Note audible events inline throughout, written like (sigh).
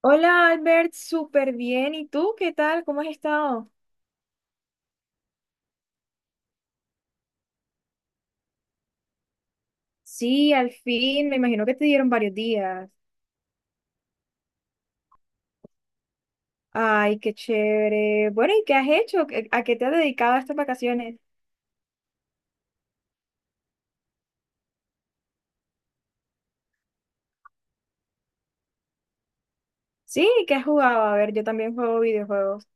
Hola Albert, súper bien. ¿Y tú qué tal? ¿Cómo has estado? Sí, al fin, me imagino que te dieron varios días. Ay, qué chévere. Bueno, ¿y qué has hecho? ¿A qué te has dedicado estas vacaciones? Sí, ¿qué has jugado? A ver, yo también juego videojuegos.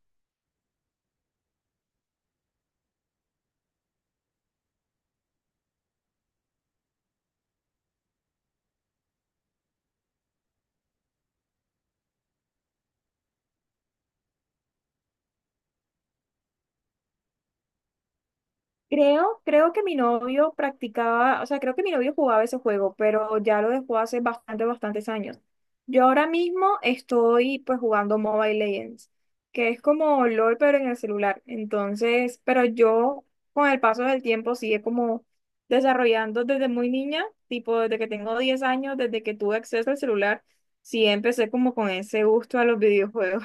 Creo que mi novio practicaba, o sea, creo que mi novio jugaba ese juego, pero ya lo dejó hace bastante, bastantes años. Yo ahora mismo estoy pues jugando Mobile Legends, que es como LOL, pero en el celular. Entonces, pero yo con el paso del tiempo sigue como desarrollando desde muy niña, tipo desde que tengo 10 años, desde que tuve acceso al celular, sí empecé como con ese gusto a los videojuegos.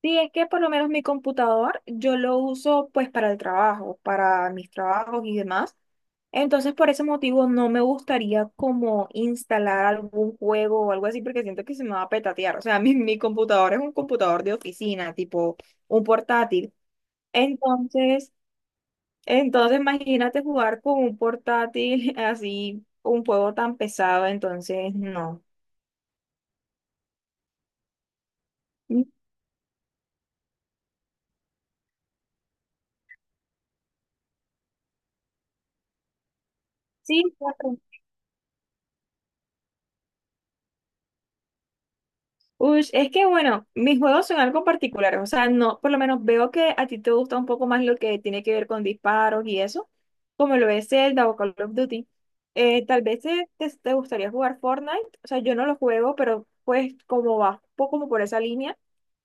Sí, es que por lo menos mi computador yo lo uso pues para el trabajo, para mis trabajos y demás. Entonces por ese motivo no me gustaría como instalar algún juego o algo así porque siento que se me va a petatear. O sea, (laughs) mi computador es un computador de oficina, tipo un portátil. Entonces, entonces imagínate jugar con un portátil (laughs) así, un juego tan pesado, entonces no. Sí, Ush, es que bueno, mis juegos son algo particulares, o sea, no, por lo menos veo que a ti te gusta un poco más lo que tiene que ver con disparos y eso, como lo es Zelda o Call of Duty. Tal vez te gustaría jugar Fortnite, o sea, yo no lo juego, pero pues como va, un poco como por esa línea,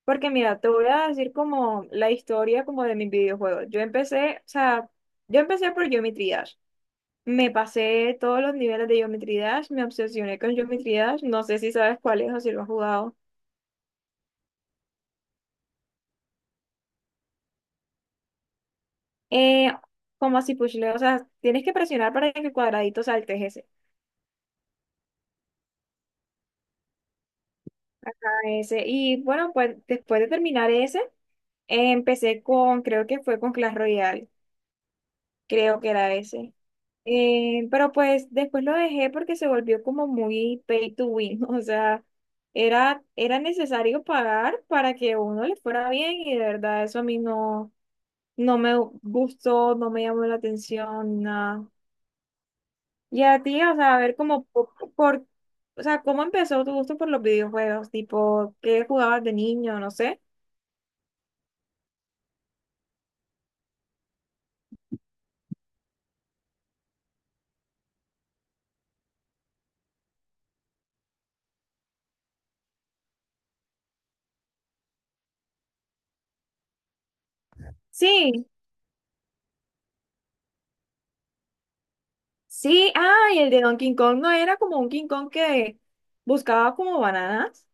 porque mira, te voy a decir como la historia como de mis videojuegos. Yo empecé, o sea, yo empecé por Geometry Dash. Me pasé todos los niveles de Geometry Dash, me obsesioné con Geometry Dash, no sé si sabes cuál es o si lo has jugado. Eh, como así pushle, o sea, tienes que presionar para que el cuadradito salte ese. Y bueno, pues después de terminar ese, empecé con, creo que fue con Clash Royale, creo que era ese. Pero pues después lo dejé porque se volvió como muy pay to win, (laughs) o sea, era necesario pagar para que uno le fuera bien y de verdad eso a mí no, no me gustó, no me llamó la atención, nada. Y a ti, o sea, a ver cómo, o sea, cómo empezó tu gusto por los videojuegos, tipo, ¿qué jugabas de niño? No sé. Sí, sí, ah, y el de Donkey Kong no era como un King Kong que buscaba como bananas.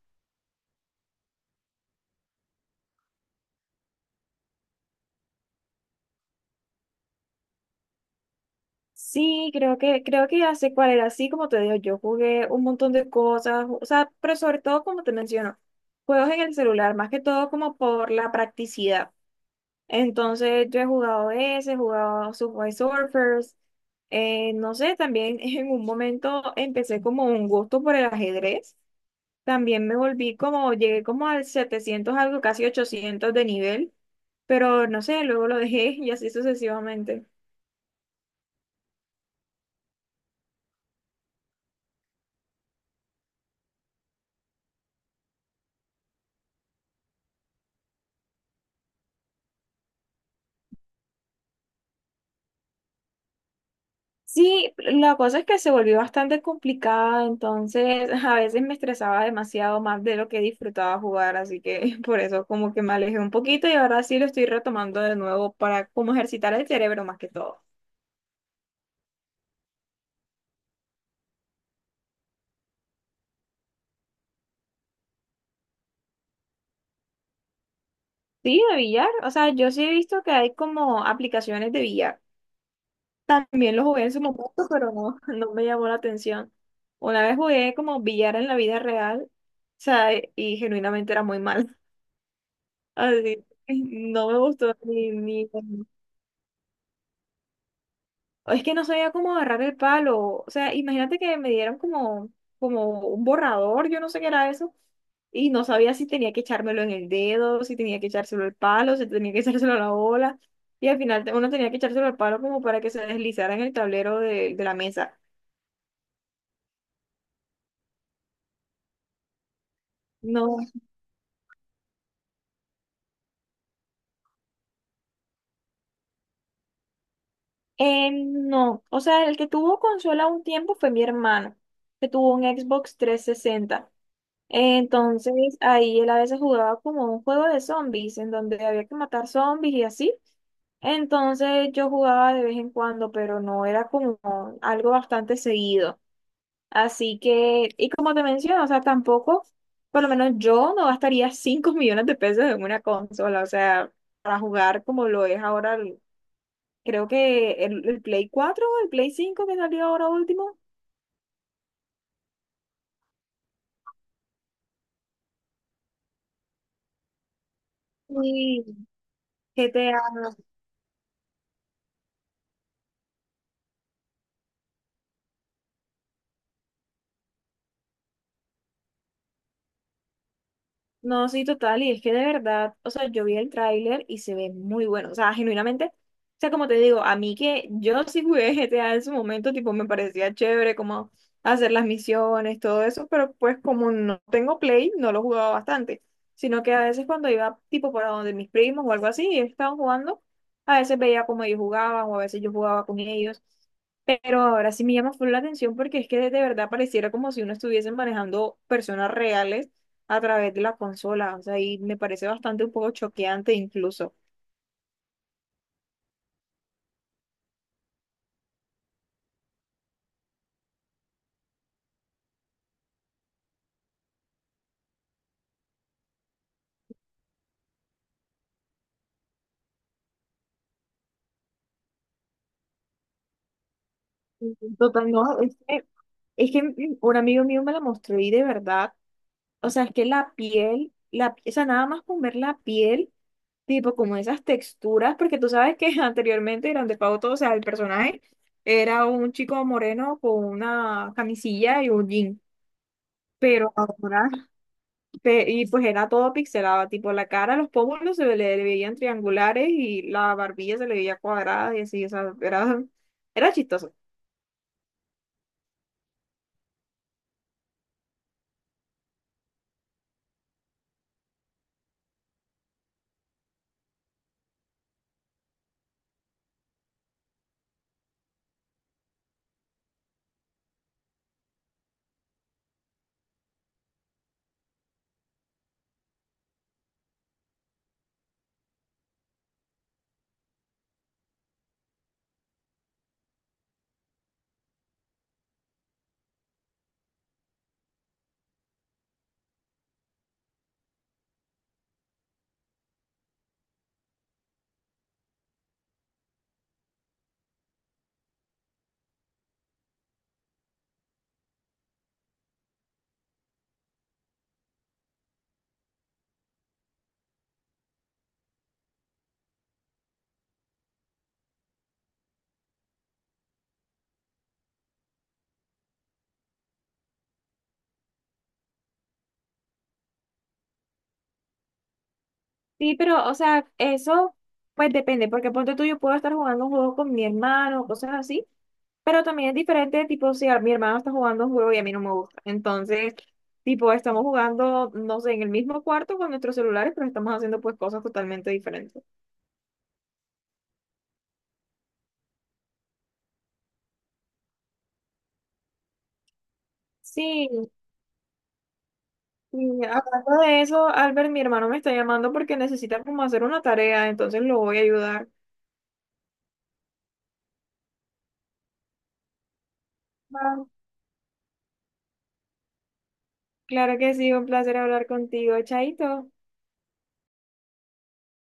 Sí, creo que ya sé cuál era. Sí, como te digo, yo jugué un montón de cosas, o sea, pero sobre todo, como te menciono, juegos en el celular, más que todo como por la practicidad. Entonces yo he jugado ese, he jugado Subway Surfers, no sé, también (laughs) en un momento empecé como un gusto por el ajedrez, también me volví como, llegué como al 700 algo, casi 800 de nivel, pero no sé, luego lo dejé (laughs) y así sucesivamente. Sí, la cosa es que se volvió bastante complicada, entonces (laughs) a veces me estresaba demasiado más de lo que disfrutaba jugar, así que (laughs) por eso como que me alejé un poquito y ahora sí lo estoy retomando de nuevo para como ejercitar el cerebro más que todo. Sí, de billar, o sea, yo sí he visto que hay como aplicaciones de billar. También lo jugué en su momento, (laughs) pero no, no me llamó la atención. Una vez jugué como billar en la vida real, o sea, y genuinamente era muy mal. (laughs) Así, que no me gustó ni. Es que no sabía cómo agarrar el palo. O sea, imagínate que me dieron como un borrador, yo no sé qué era eso. Y no sabía si tenía que echármelo en el dedo, si tenía que echárselo al palo, si tenía que (laughs) echárselo a la bola. Y al final uno tenía que echárselo al palo como para que se deslizara en el tablero de la mesa. No, no. O sea, el que tuvo consola un tiempo fue mi hermano, que tuvo un Xbox 360. Entonces ahí él a veces jugaba como un juego de zombies, en donde había que matar zombies y así. Entonces yo jugaba de vez en cuando, pero no era como algo bastante seguido. Así que, y como te menciono, o sea, tampoco, por lo menos yo no gastaría (laughs) 5 millones de pesos en una consola, o sea, para jugar como lo es ahora, creo que el Play 4 o el Play 5 que salió ahora último. Y GTA. No, sí, total, y es que de verdad, o sea, yo vi el tráiler y se ve muy bueno, o sea, genuinamente, o sea, como te digo, a mí que yo sí jugué GTA en su momento, tipo, me parecía chévere como hacer las misiones, todo eso, pero pues como no tengo Play, no lo jugaba bastante, sino que a veces cuando iba tipo para donde mis primos o algo así, y ellos estaban jugando, a veces veía cómo ellos jugaban o a veces yo jugaba con ellos, pero ahora sí me llama full la atención porque es que de verdad pareciera como si uno estuviese manejando personas reales a través de la consola, o sea, y me parece bastante un poco choqueante incluso. Total, no, Es que un amigo mío me la mostró y de verdad, o sea, es que la piel, o sea, nada más con ver la piel, tipo como esas texturas, porque tú sabes que (laughs) anteriormente Grand Theft Auto, o sea, el personaje era un chico moreno con una camisilla y un jean, pero ahora y pues era todo pixelado, tipo la cara, los pómulos se le veían triangulares y la barbilla se le veía cuadrada y así, o sea, era, (laughs) era chistoso. Sí, pero, o sea, eso pues depende, porque ponte tú, yo puedo estar jugando un juego con mi hermano, cosas así, pero también es diferente, tipo, si mi hermano está jugando un juego y a mí no me gusta. Entonces, tipo, estamos jugando, no sé, en el mismo cuarto con nuestros celulares, pero estamos haciendo pues cosas totalmente diferentes. Sí, y hablando de eso, Albert, mi hermano me está llamando porque necesita como hacer una tarea, entonces lo voy a ayudar. Va. Claro que sí, un placer hablar contigo, Chaito.